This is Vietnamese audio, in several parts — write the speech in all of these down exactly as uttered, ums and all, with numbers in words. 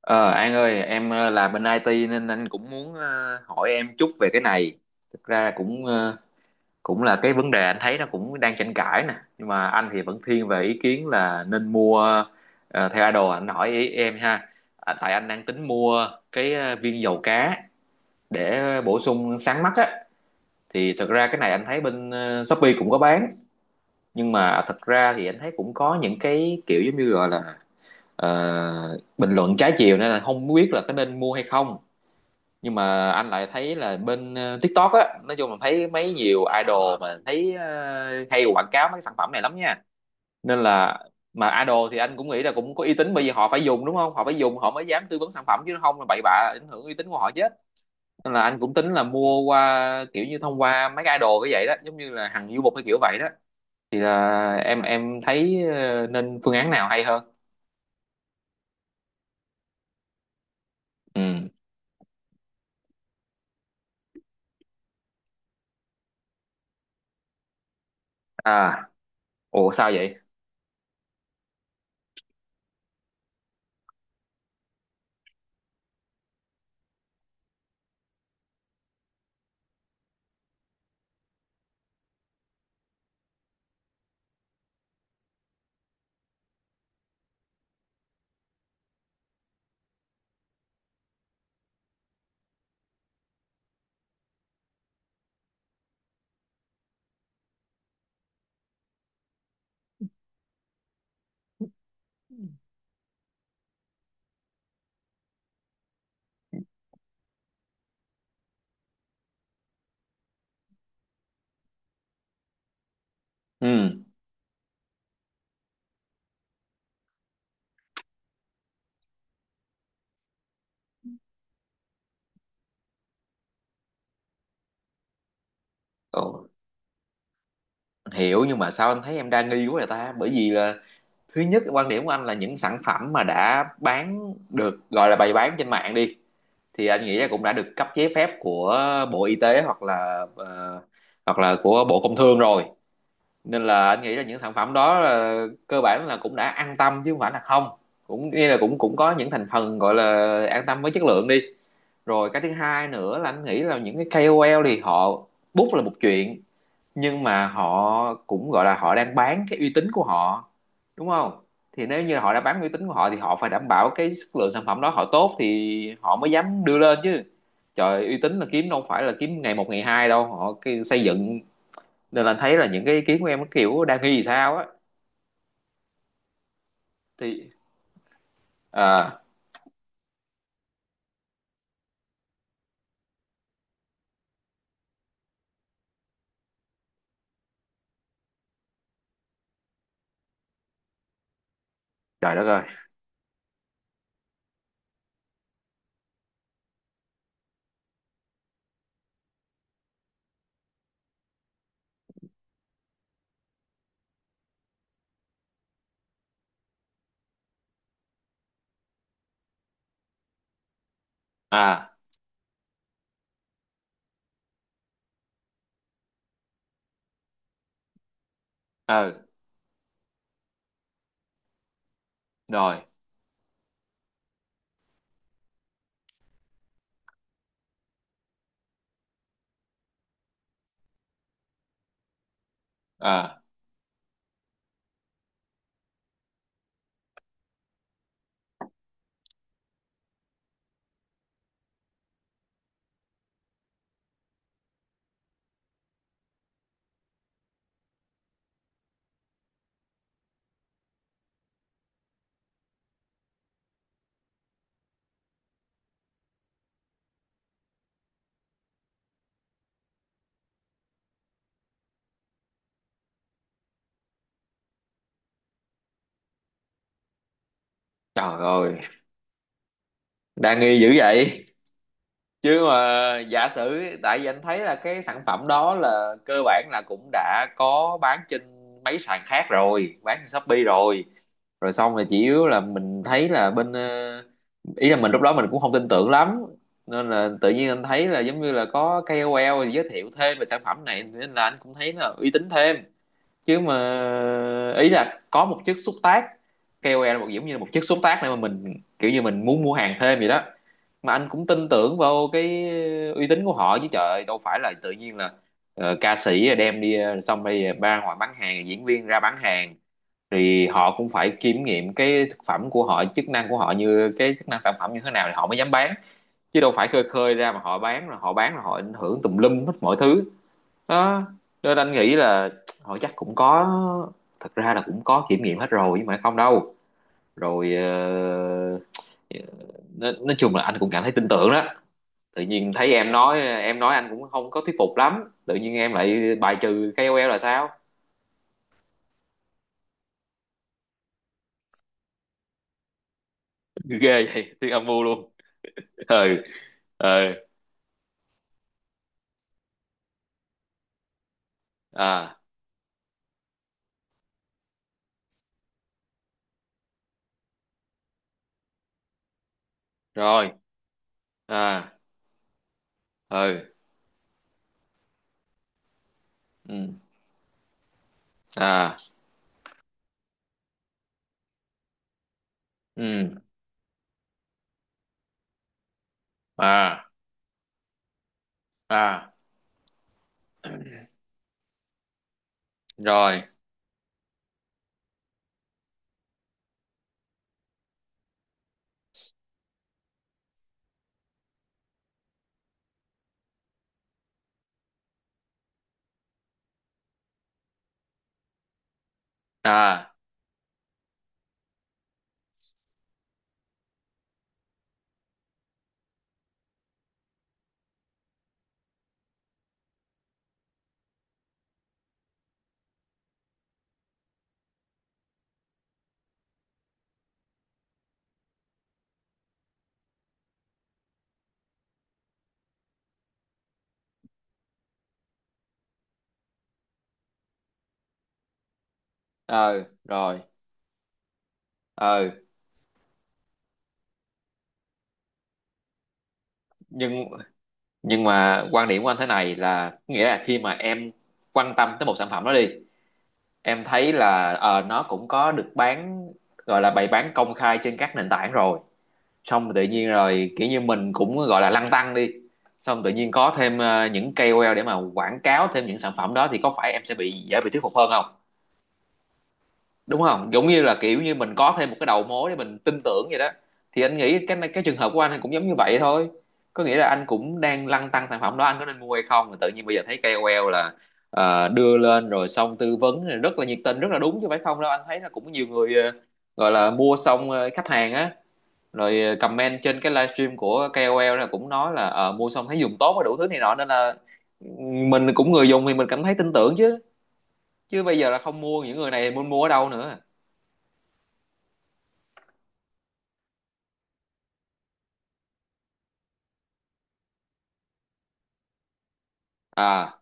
Ờ, An ơi, em ờ, làm bên i tê nên anh cũng muốn ờ, hỏi em chút về cái này. Thực ra cũng ờ, cũng là cái vấn đề anh thấy nó cũng đang tranh cãi nè, nhưng mà anh thì vẫn thiên về ý kiến là nên mua ờ, theo idol, anh hỏi ý em ha. À, tại anh đang tính mua cái ờ, viên dầu cá để bổ sung sáng mắt á. Thì thực ra cái này anh thấy bên ờ, Shopee cũng có bán, nhưng mà thật ra thì anh thấy cũng có những cái kiểu giống như gọi là ờ, bình luận trái chiều, nên là không biết là có nên mua hay không. Nhưng mà anh lại thấy là bên ờ, TikTok á, nói chung là thấy mấy nhiều idol mà thấy ờ, hay quảng cáo mấy cái sản phẩm này lắm nha, nên là mà idol thì anh cũng nghĩ là cũng có uy tín, bởi vì họ phải dùng đúng không, họ phải dùng họ mới dám tư vấn sản phẩm, chứ không là bậy bạ ảnh hưởng uy tín của họ chết. Nên là anh cũng tính là mua qua kiểu như thông qua mấy cái idol cái vậy đó, giống như là Hằng Du Mục hay kiểu vậy đó. Thì là em em thấy ờ, nên phương án nào hay hơn? Ừ. À. Ủa sao vậy? Ừ. Ồ, hiểu, nhưng mà sao anh thấy em đa nghi quá vậy ta, bởi vì là thứ nhất quan điểm của anh là những sản phẩm mà đã bán được gọi là bày bán trên mạng đi, thì anh nghĩ là cũng đã được cấp giấy phép của Bộ Y tế, hoặc là ờ, hoặc là của Bộ Công Thương rồi, nên là anh nghĩ là những sản phẩm đó là, cơ bản là cũng đã an tâm chứ không phải là không, cũng nghĩa là cũng cũng có những thành phần gọi là an tâm với chất lượng đi. Rồi cái thứ hai nữa là anh nghĩ là những cái ca o ca o eo thì họ bút là một chuyện, nhưng mà họ cũng gọi là họ đang bán cái uy tín của họ đúng không, thì nếu như họ đã bán uy tín của họ thì họ phải đảm bảo cái chất lượng sản phẩm đó họ tốt thì họ mới dám đưa lên chứ. Trời, uy tín là kiếm đâu phải là kiếm ngày một ngày hai đâu, họ cái xây dựng. Nên là thấy là những cái ý kiến của em nó kiểu đang nghi thì sao á? Thì à. Trời đất ơi. À. Ờ. Rồi. À, trời ơi, đang nghi dữ vậy? Chứ mà giả sử, tại vì anh thấy là cái sản phẩm đó là cơ bản là cũng đã có bán trên mấy sàn khác rồi, bán trên Shopee rồi, rồi xong rồi chỉ yếu là mình thấy là bên ờ, ý là mình lúc đó mình cũng không tin tưởng lắm, nên là tự nhiên anh thấy là giống như là có ca o eo giới thiệu thêm về sản phẩm này nên là anh cũng thấy là uy tín thêm. Chứ mà ý là có một chiếc xúc tác, ca o eo là một giống như là một chiếc xúc tác này mà mình kiểu như mình muốn mua hàng thêm vậy đó, mà anh cũng tin tưởng vào cái uy tín của họ chứ. Trời ơi, đâu phải là tự nhiên là ờ, ca sĩ đem đi ờ, xong bây giờ ra ngoài bán hàng, diễn viên ra bán hàng, thì họ cũng phải kiểm nghiệm cái thực phẩm của họ, chức năng của họ, như cái chức năng sản phẩm như thế nào thì họ mới dám bán, chứ đâu phải khơi khơi ra mà họ bán, rồi họ bán rồi họ ảnh hưởng tùm lum hết mọi thứ. Đó, nên anh nghĩ là họ chắc cũng có, thật ra là cũng có kiểm nghiệm hết rồi nhưng mà không đâu. Rồi ờ, ờ, nói, nói chung là anh cũng cảm thấy tin tưởng đó. Tự nhiên thấy em nói, em nói anh cũng không có thuyết phục lắm, tự nhiên em lại bài trừ ca O ca o eo là sao? Ghê vậy, thuyết âm mưu luôn. Ừ. Ừ. À. Rồi. À. Ừ. Ừ. À. Ừ. À. À. Rồi. À. Ừ. Rồi. Ừ. Nhưng nhưng mà quan điểm của anh thế này là, nghĩa là khi mà em quan tâm tới một sản phẩm đó đi, em thấy là ờ, nó cũng có được bán, gọi là bày bán công khai trên các nền tảng rồi, xong rồi tự nhiên rồi kiểu như mình cũng gọi là lăn tăn đi, xong tự nhiên có thêm ờ, những ca o eo để mà quảng cáo thêm những sản phẩm đó, thì có phải em sẽ bị dễ bị thuyết phục hơn không? Đúng không, giống như là kiểu như mình có thêm một cái đầu mối để mình tin tưởng vậy đó. Thì anh nghĩ cái cái trường hợp của anh cũng giống như vậy thôi, có nghĩa là anh cũng đang lăn tăn sản phẩm đó, anh có nên mua hay không, mà tự nhiên bây giờ thấy ca o eo là ờ, đưa lên rồi xong tư vấn rồi rất là nhiệt tình, rất là đúng chứ phải không đâu, anh thấy là cũng nhiều người ờ, gọi là mua xong ờ, khách hàng á, rồi ờ, comment trên cái livestream của ca o eo là cũng nói là ờ, mua xong thấy dùng tốt và đủ thứ này nọ, nên là mình cũng người dùng thì mình cảm thấy tin tưởng chứ. Chứ bây giờ là không mua những người này muốn mua ở đâu nữa? À.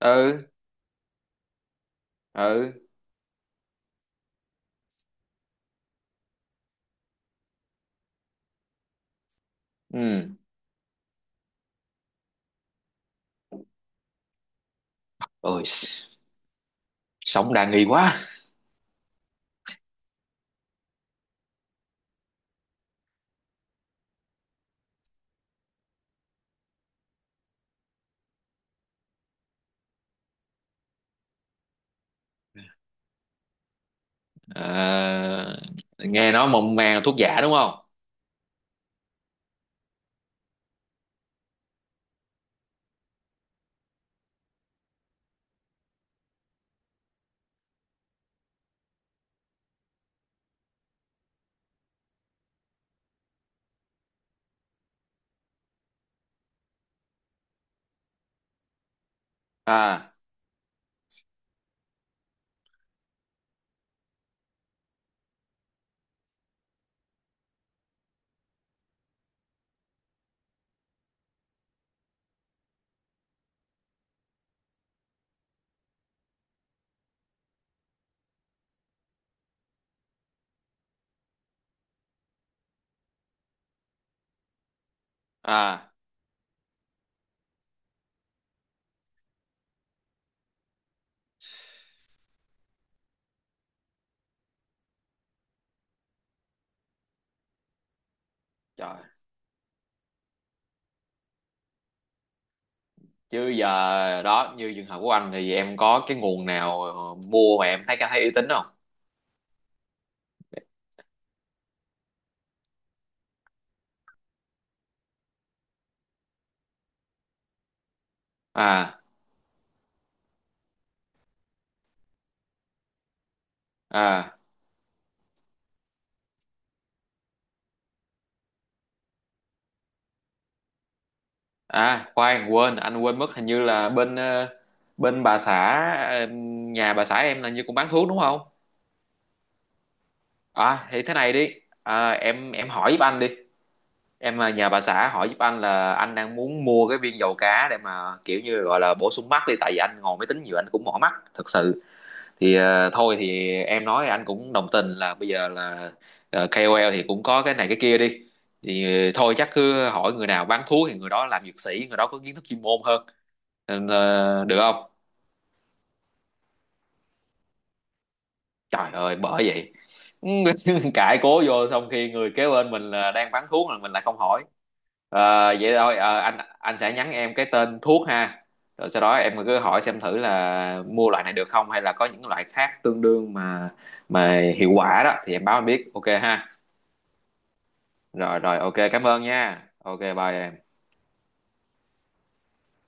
Ừ. Ừ. Ừ. Ôi, sống đa nghi quá. À, nghe nói mộng màng là thuốc giả đúng không? À. À. Trời. Chứ giờ đó như trường hợp của anh thì em có cái nguồn nào mua mà em thấy cảm thấy uy tín không? À. À. À khoan, quên, anh quên mất hình như là bên ờ, bên bà xã, ờ, nhà bà xã em là như cũng bán thuốc đúng không? À, thì thế này đi. À, em em hỏi giúp anh đi. Em à, nhờ bà xã hỏi giúp anh là anh đang muốn mua cái viên dầu cá để mà kiểu như gọi là bổ sung mắt đi, tại vì anh ngồi máy tính nhiều, anh cũng mỏi mắt thật sự. Thì ờ, thôi thì em nói anh cũng đồng tình là bây giờ là ờ, ca o eo thì cũng có cái này cái kia đi, thì ờ, thôi chắc cứ hỏi người nào bán thuốc thì người đó làm dược sĩ, người đó có kiến thức chuyên môn hơn. Nên, ờ, được không? Trời ơi, bởi vậy. Cãi cố vô xong khi người kế bên mình là đang bán thuốc mà mình lại không hỏi. Ờ, vậy thôi, ờ, anh anh sẽ nhắn em cái tên thuốc ha, rồi sau đó em cứ hỏi xem thử là mua loại này được không, hay là có những loại khác tương đương mà mà hiệu quả đó, thì em báo anh biết ok ha. Rồi rồi, ok, cảm ơn nha, ok, bye em.